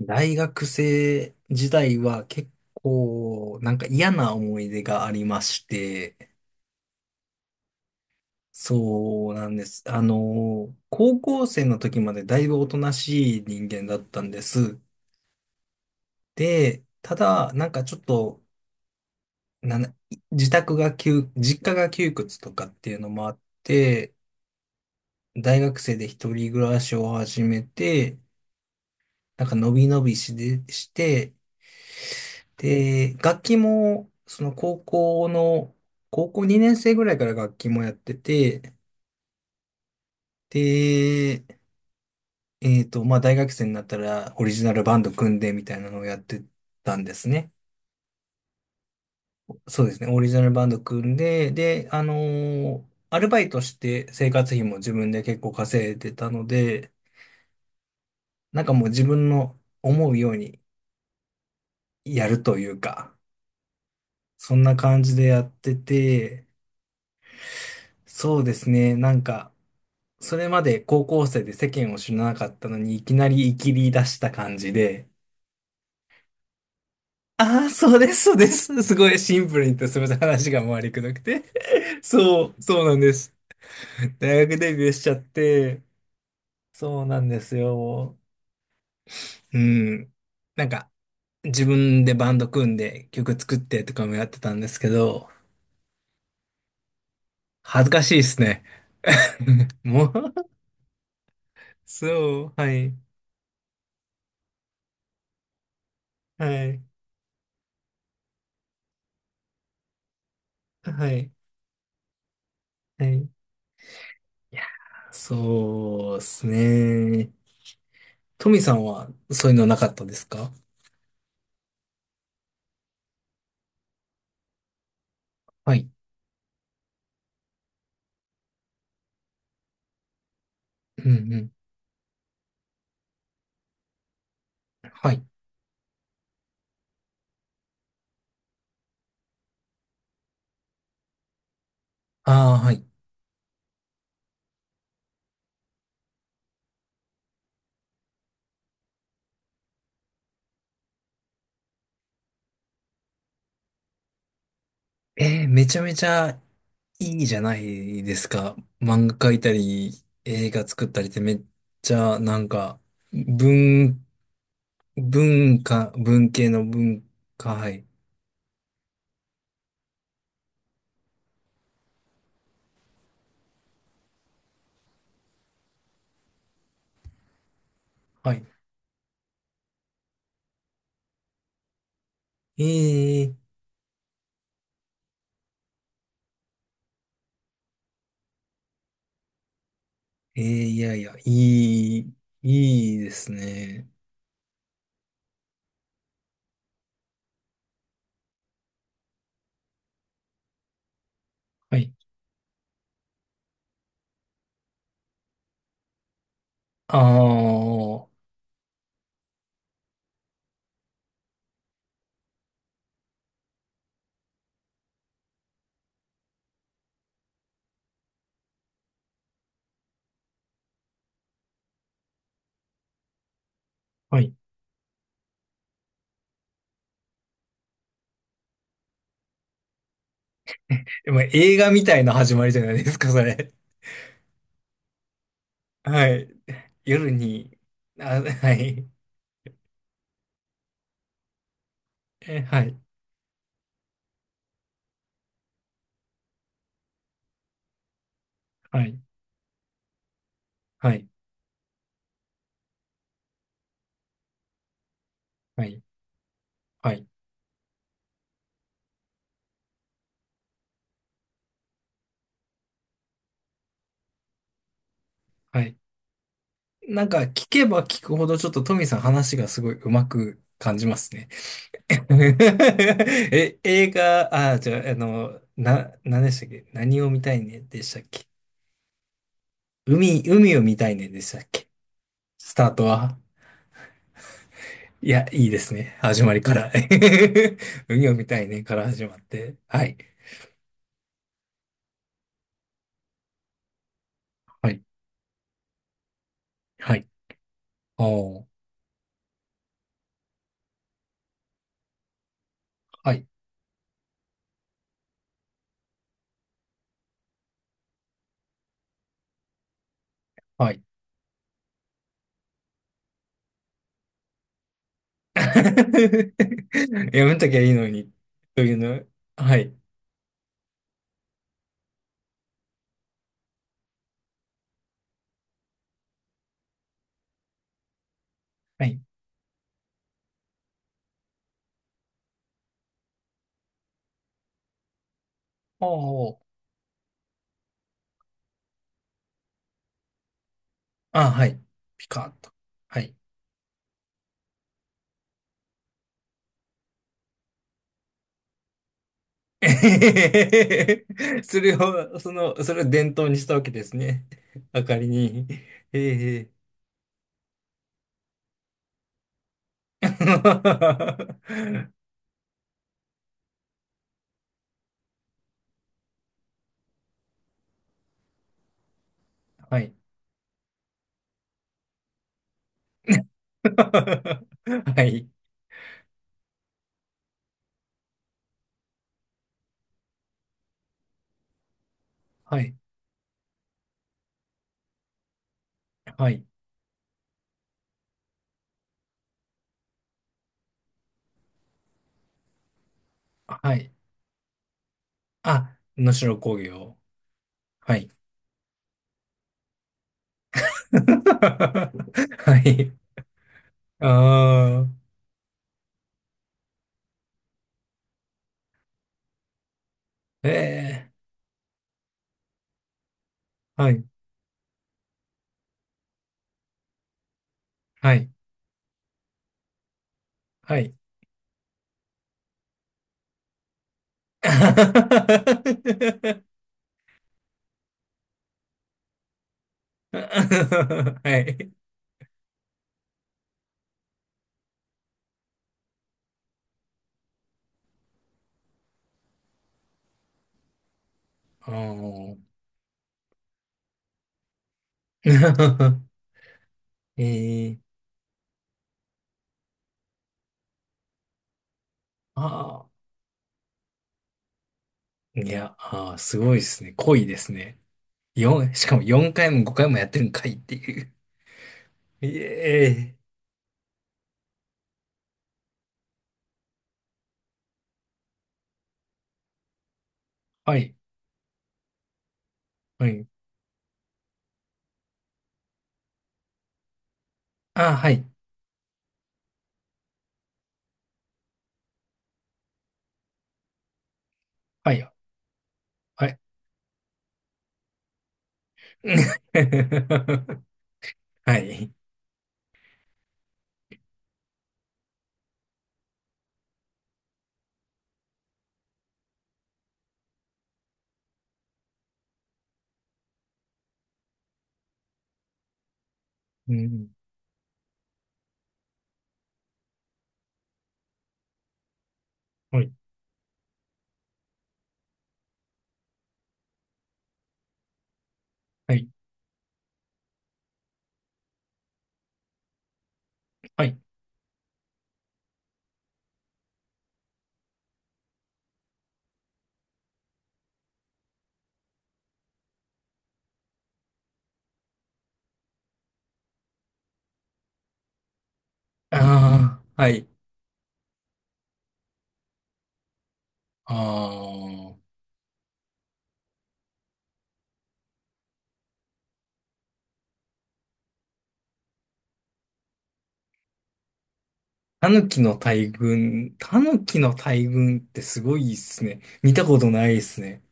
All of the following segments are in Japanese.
大学生時代は結構嫌な思い出がありまして、そうなんです。高校生の時までだいぶおとなしい人間だったんです。で、ただ、なんかちょっと、なんだ自宅が窮、実家が窮屈とかっていうのもあって、大学生で一人暮らしを始めて、なんか伸び伸びして、で、楽器も、高校2年生ぐらいから楽器もやってて、で、まあ、大学生になったらオリジナルバンド組んでみたいなのをやってたんですね。そうですね、オリジナルバンド組んで、で、アルバイトして生活費も自分で結構稼いでたので、なんかもう自分の思うようにやるというか、そんな感じでやってて、そうですね、それまで高校生で世間を知らなかったのに、いきなり生きり出した感じで、ああ、そうです、そうです。すごいシンプルに言って、すみません、話が回りくどくて。そうなんです。大学デビューしちゃって、そうなんですよ。うん。なんか、自分でバンド組んで曲作ってとかもやってたんですけど、恥ずかしいですね。もう、そう、はい、はい、はい、はい。いや、そうですね。トミさんはそういうのなかったですか？はい。うんうん。はい。ああ、はい。えー、めちゃめちゃいいじゃないですか。漫画描いたり、映画作ったりってめっちゃ文、文系の文化、はい。はい。えー、えー、いやいや、いいですね。はい。ああ、はい。まあ、映画みたいな始まりじゃないですか、それ。はい。夜に、あ、はい。え、はい。はい。はい。はい。はい。はい。聞けば聞くほどちょっとトミーさん話がすごいうまく感じますね。え、映画、あ、じゃあ、何でしたっけ、何を見たいねでしたっけ、海を見たいねでしたっけ、スタートは。いや、いいですね。始まりから。海を見たいねから始まって。はい。はい。はい。おー。はい。はい。 やめときゃいいのに。というの。はい。はい。おー。あ、はい。ピカッと。はい。えへへへへそれを伝統にしたわけですね。明かりに。ええ。 はい。はい。はい。はい。はい。あ、能代工業。はい。はい。ああ。ええ、はい。はい。はい。はい。あー。 えー、あー、いや、あー、すごいですね。濃いですね。しかも4回も5回もやってるんかいっていう。いえー、はい、はい。あー、はい、はい、はい。はい。うん、はい、はい、はい。ああ、はい。ああ。タヌキの大群。タヌキの大群ってすごいっすね。見たことないっすね。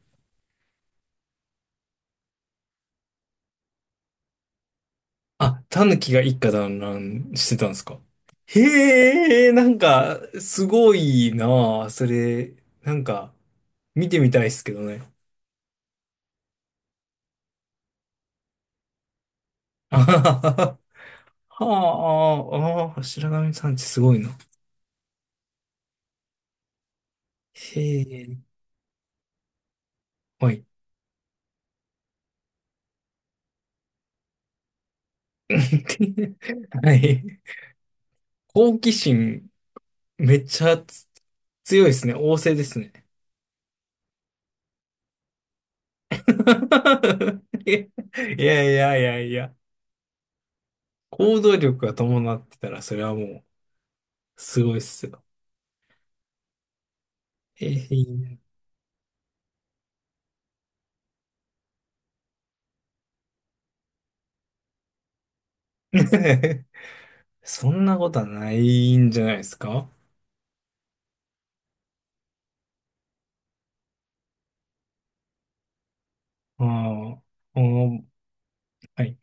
あ、タヌキが一家団らんしてたんですか？へえ、すごいなあ。それ、なんか、見てみたいっすけどね。あははは。はあ、ああ、白神山地すごいな。へえ、はい。はい。好奇心、めっちゃ強いですね。旺盛ですね。いやいやいやいや、行動力が伴ってたら、それはもう、すごいっすよ。えー、いいね。 そんなことはないんじゃないですか？ああ、おー、はい、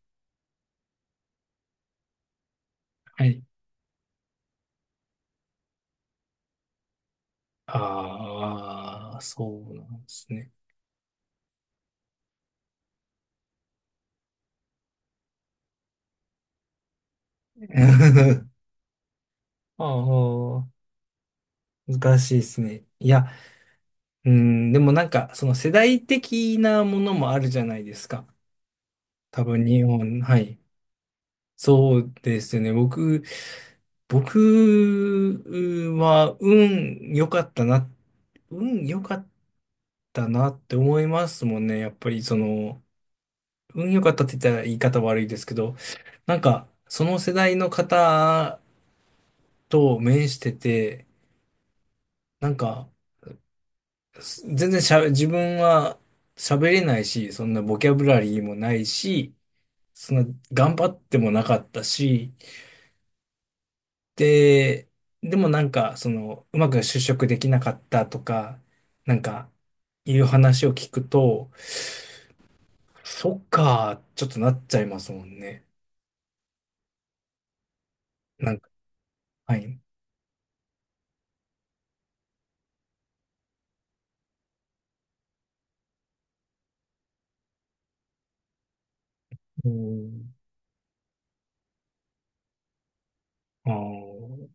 はい。ああ、そうなんですね。ああ、難しいですね。いや、うん、でもその世代的なものもあるじゃないですか。多分日本、はい。そうですね。僕は運良かったな、運良かったなって思いますもんね。やっぱりその、運良かったって言ったら言い方悪いですけど、その世代の方と面してて、なんか、す全然しゃべ、自分は喋れないし、そんなボキャブラリーもないし、そんな頑張ってもなかったし、で、でもその、うまく就職できなかったとか、なんか、いう話を聞くと、そっか、ちょっとなっちゃいますもんね。なんか、はい。うん。あー、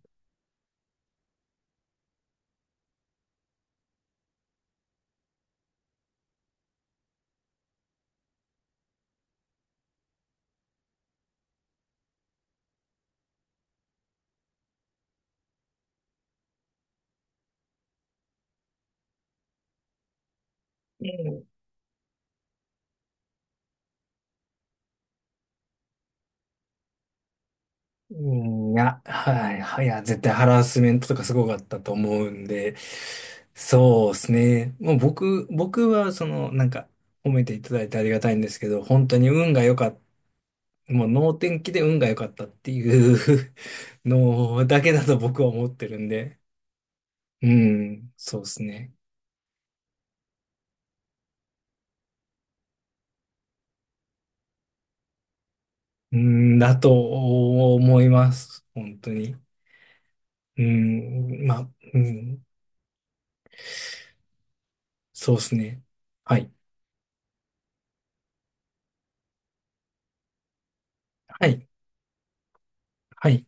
うん、いや、はい、はい、いや、絶対ハラスメントとかすごかったと思うんで、そうですね。もう僕は、褒めていただいてありがたいんですけど、本当に運が良かった。もう能天気で運が良かったっていう のだけだと僕は思ってるんで。うん、そうですね。うん、だと思います。本当に。うん、まあ、うん、そうですね。はい、はい、はい、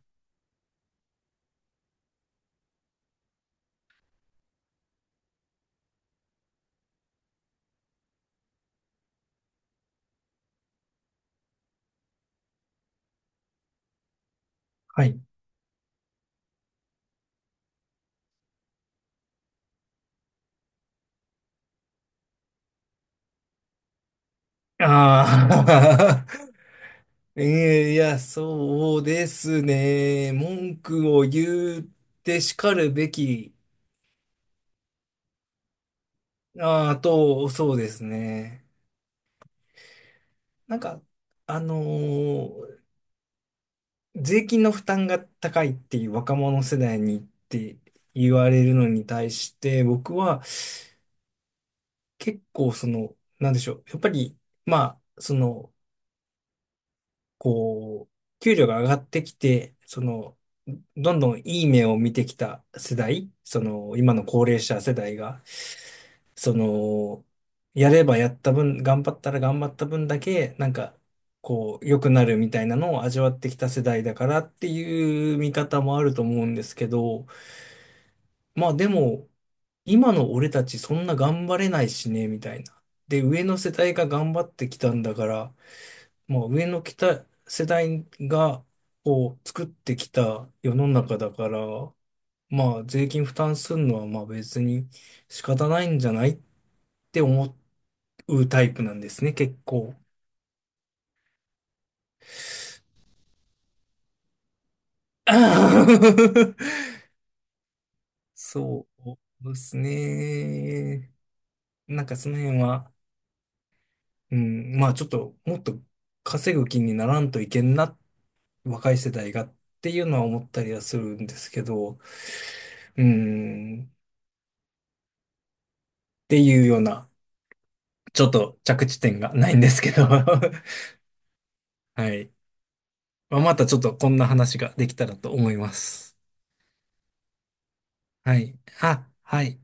はい。ああ。えー、いや、そうですね。文句を言って叱るべき、ああ、と、そうですね。なんか、あのー税金の負担が高いっていう若者世代にって言われるのに対して、僕は結構その、なんでしょう。やっぱり、まあ、その、こう、給料が上がってきて、その、どんどんいい目を見てきた世代、その、今の高齢者世代が、その、やればやった分、頑張ったら頑張った分だけ、こう、良くなるみたいなのを味わってきた世代だからっていう見方もあると思うんですけど、まあでも、今の俺たちそんな頑張れないしね、みたいな。で、上の世代が頑張ってきたんだから、もう上の来た世代が、こう、作ってきた世の中だから、まあ、税金負担するのは、まあ別に仕方ないんじゃないって思うタイプなんですね、結構。そうですね。なんかその辺は、うん、まあちょっと、もっと稼ぐ気にならんといけんな、若い世代がっていうのは思ったりはするんですけど、うん、っていうような。ちょっと着地点がないんですけど はい。まあ、またちょっとこんな話ができたらと思います。はい。あ、はい。